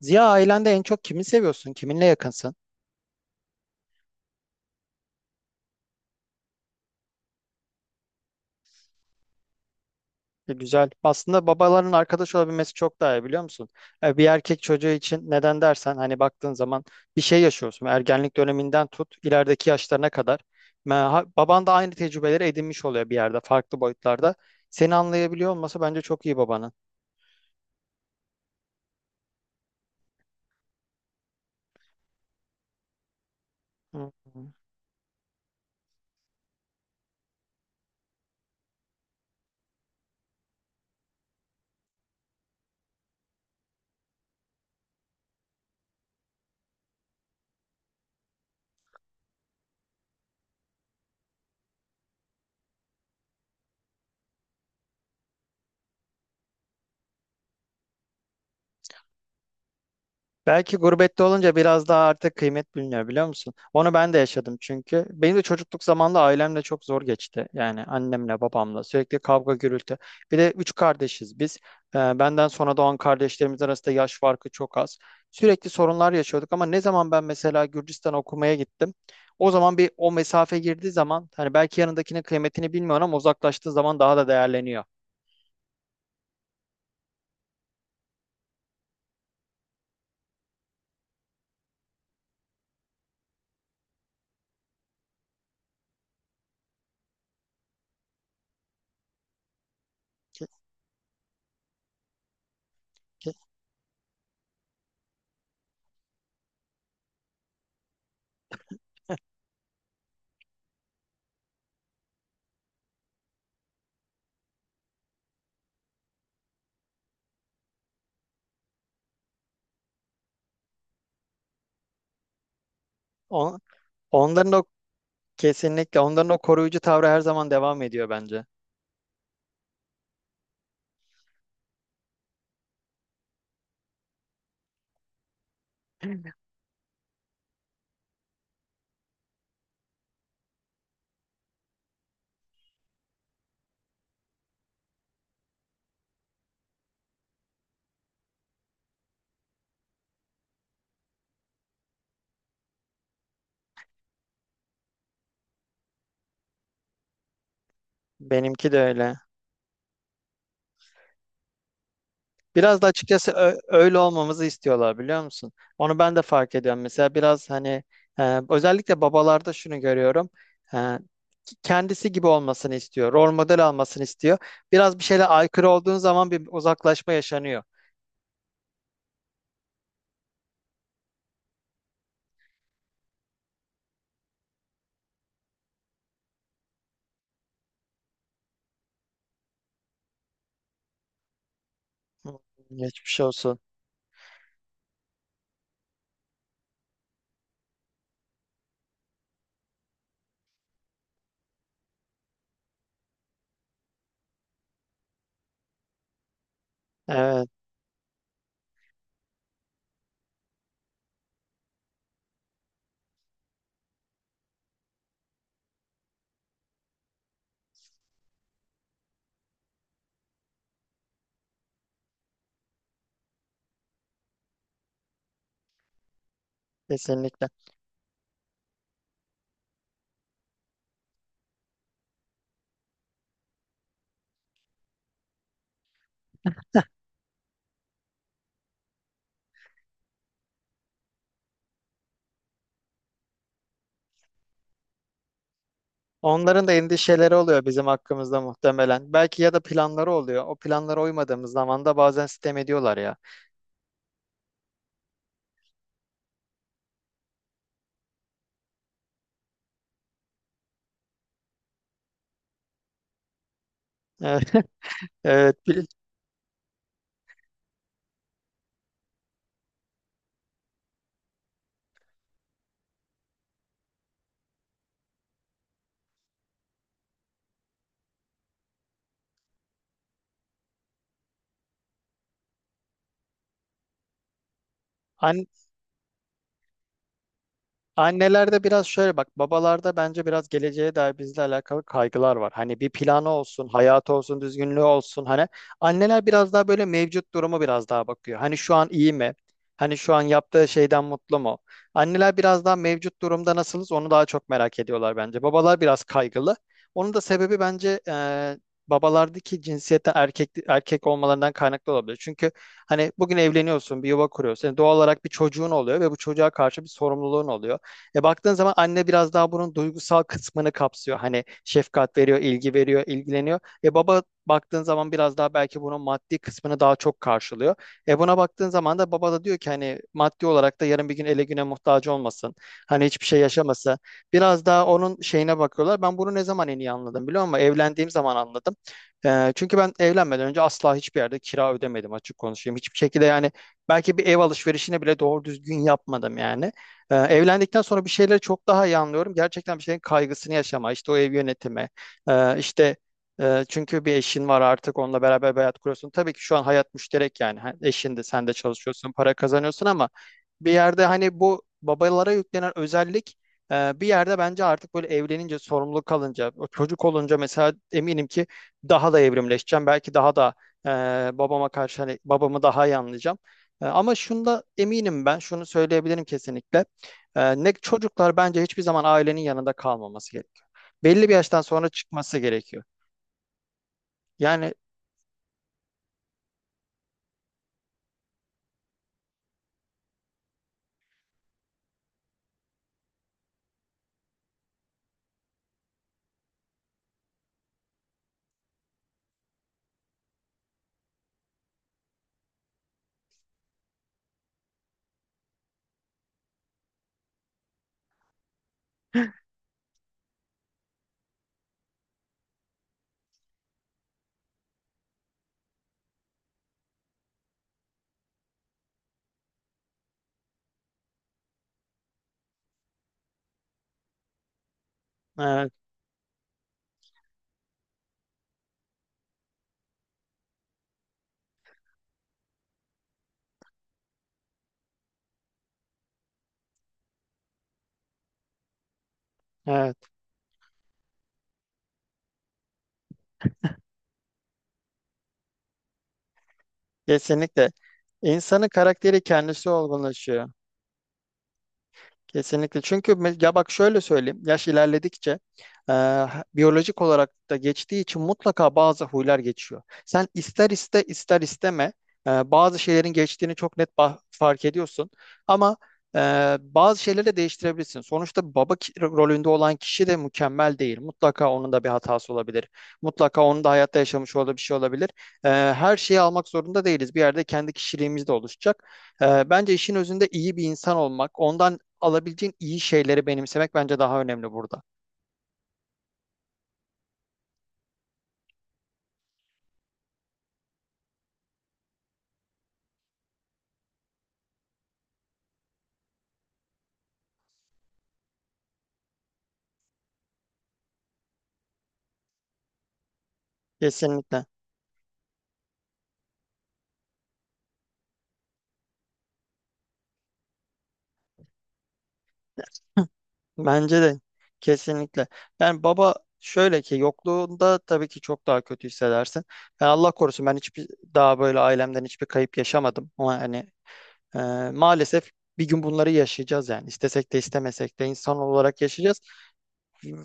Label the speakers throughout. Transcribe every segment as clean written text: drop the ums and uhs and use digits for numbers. Speaker 1: Ziya, ailende en çok kimi seviyorsun? Kiminle yakınsın? Güzel. Aslında babaların arkadaş olabilmesi çok daha iyi, biliyor musun? Bir erkek çocuğu için neden dersen, hani baktığın zaman bir şey yaşıyorsun. Ergenlik döneminden tut ilerideki yaşlarına kadar. Baban da aynı tecrübeleri edinmiş oluyor bir yerde, farklı boyutlarda. Seni anlayabiliyor olması bence çok iyi babanın. Hı. Belki gurbette olunca biraz daha artık kıymet biliniyor, biliyor musun? Onu ben de yaşadım çünkü. Benim de çocukluk zamanında ailemle çok zor geçti. Yani annemle babamla sürekli kavga gürültü. Bir de üç kardeşiz biz. Benden sonra doğan kardeşlerimiz arasında yaş farkı çok az. Sürekli sorunlar yaşıyorduk, ama ne zaman ben mesela Gürcistan okumaya gittim. O zaman bir o mesafe girdiği zaman, hani belki yanındakinin kıymetini bilmiyorum ama uzaklaştığı zaman daha da değerleniyor. Ke- ke- on- Onların o, kesinlikle onların o koruyucu tavrı her zaman devam ediyor bence. Benimki de öyle. Biraz da açıkçası öyle olmamızı istiyorlar, biliyor musun? Onu ben de fark ediyorum. Mesela biraz hani özellikle babalarda şunu görüyorum. E, Kendisi gibi olmasını istiyor. Rol model almasını istiyor. Biraz bir şeyle aykırı olduğun zaman bir uzaklaşma yaşanıyor. Hı. Geçmiş olsun. Evet, kesinlikle. Onların da endişeleri oluyor bizim hakkımızda muhtemelen. Belki ya da planları oluyor. O planlara uymadığımız zaman da bazen sitem ediyorlar ya. Evet, evet. Annelerde biraz şöyle bak, babalarda bence biraz geleceğe dair bizle alakalı kaygılar var. Hani bir planı olsun, hayatı olsun, düzgünlüğü olsun. Hani anneler biraz daha böyle mevcut durumu biraz daha bakıyor. Hani şu an iyi mi? Hani şu an yaptığı şeyden mutlu mu? Anneler biraz daha mevcut durumda nasılız onu daha çok merak ediyorlar bence. Babalar biraz kaygılı. Onun da sebebi bence babalardaki cinsiyete erkek olmalarından kaynaklı olabilir. Çünkü hani bugün evleniyorsun, bir yuva kuruyorsun. Yani doğal olarak bir çocuğun oluyor ve bu çocuğa karşı bir sorumluluğun oluyor. E baktığın zaman anne biraz daha bunun duygusal kısmını kapsıyor. Hani şefkat veriyor, ilgi veriyor, ilgileniyor. E baba baktığın zaman biraz daha belki bunun maddi kısmını daha çok karşılıyor. E buna baktığın zaman da baba da diyor ki hani maddi olarak da yarın bir gün ele güne muhtaç olmasın. Hani hiçbir şey yaşamasın. Biraz daha onun şeyine bakıyorlar. Ben bunu ne zaman en iyi anladım biliyor musun? Evlendiğim zaman anladım. Çünkü ben evlenmeden önce asla hiçbir yerde kira ödemedim, açık konuşayım. Hiçbir şekilde yani belki bir ev alışverişini bile doğru düzgün yapmadım yani. Evlendikten sonra bir şeyleri çok daha iyi anlıyorum. Gerçekten bir şeyin kaygısını yaşama, işte o ev yönetimi, ee, işte çünkü bir eşin var artık, onunla beraber bir hayat kuruyorsun. Tabii ki şu an hayat müşterek yani. Ha, eşin de sen de çalışıyorsun, para kazanıyorsun ama bir yerde hani bu babalara yüklenen özellik, bir yerde bence artık böyle evlenince, sorumluluk kalınca, o çocuk olunca mesela eminim ki daha da evrimleşeceğim. Belki daha da e, babama karşı, hani babamı daha iyi anlayacağım. Ama şunda eminim ben, şunu söyleyebilirim kesinlikle. Ne çocuklar bence hiçbir zaman ailenin yanında kalmaması gerekiyor. Belli bir yaştan sonra çıkması gerekiyor. Yani evet, evet, kesinlikle insanın karakteri kendisi olgunlaşıyor. Kesinlikle. Ya bak, şöyle söyleyeyim. Yaş ilerledikçe e, biyolojik olarak da geçtiği için mutlaka bazı huylar geçiyor. Sen ister iste ister isteme bazı şeylerin geçtiğini çok net fark ediyorsun. Ama e, bazı şeyleri de değiştirebilirsin. Sonuçta baba rolünde olan kişi de mükemmel değil. Mutlaka onun da bir hatası olabilir. Mutlaka onun da hayatta yaşamış olduğu bir şey olabilir. Her şeyi almak zorunda değiliz. Bir yerde kendi kişiliğimiz de oluşacak. Bence işin özünde iyi bir insan olmak, ondan alabileceğin iyi şeyleri benimsemek bence daha önemli burada. Kesinlikle. Bence de kesinlikle. Yani baba, şöyle ki yokluğunda tabii ki çok daha kötü hissedersin. Yani Allah korusun, ben hiçbir daha böyle ailemden hiçbir kayıp yaşamadım. Ama hani e, maalesef bir gün bunları yaşayacağız yani. İstesek de istemesek de insan olarak yaşayacağız.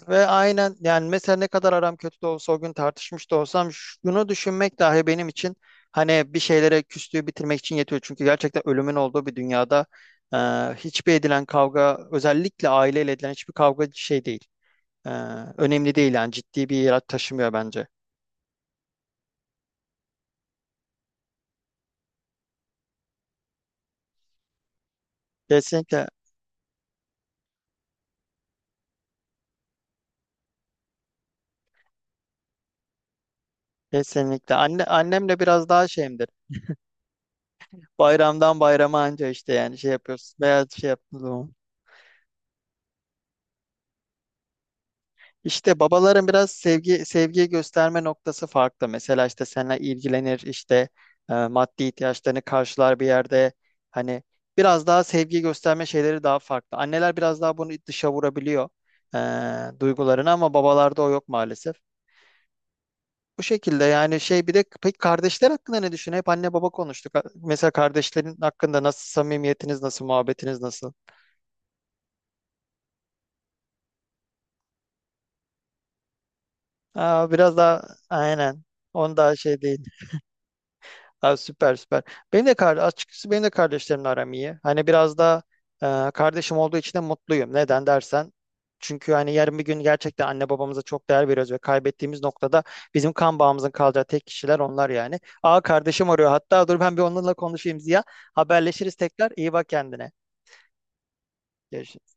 Speaker 1: Ve aynen yani mesela ne kadar aram kötü de olsa, o gün tartışmış da olsam, şunu düşünmek dahi benim için hani bir şeylere küslüğü bitirmek için yetiyor. Çünkü gerçekten ölümün olduğu bir dünyada e, hiçbir edilen kavga, özellikle aileyle edilen hiçbir kavga şey değil. E, Önemli değil yani, ciddi bir yer taşımıyor bence. Kesinlikle kesinlikle. Anne, annemle biraz daha şeyimdir. Bayramdan bayrama anca işte yani şey yapıyoruz veya şey yaptığımız zaman. İşte babaların biraz sevgi gösterme noktası farklı. Mesela işte seninle ilgilenir, işte maddi ihtiyaçlarını karşılar bir yerde. Hani biraz daha sevgi gösterme şeyleri daha farklı. Anneler biraz daha bunu dışa vurabiliyor, duygularını, ama babalarda o yok maalesef. Bu şekilde yani şey, bir de peki kardeşler hakkında ne düşün? Hep anne baba konuştuk. Mesela kardeşlerin hakkında nasıl samimiyetiniz, nasıl muhabbetiniz, nasıl? Aa, biraz daha aynen. Onu daha şey değil. Ha, süper. Benim de kardeş, açıkçası benim de kardeşlerimle aram iyi. Hani biraz da kardeşim olduğu için de mutluyum. Neden dersen. Çünkü hani yarın bir gün gerçekten anne babamıza çok değer veriyoruz ve kaybettiğimiz noktada bizim kan bağımızın kalacağı tek kişiler onlar yani. Aa, kardeşim arıyor. Hatta dur, ben bir onunla konuşayım Ziya. Haberleşiriz tekrar. İyi bak kendine. Görüşürüz.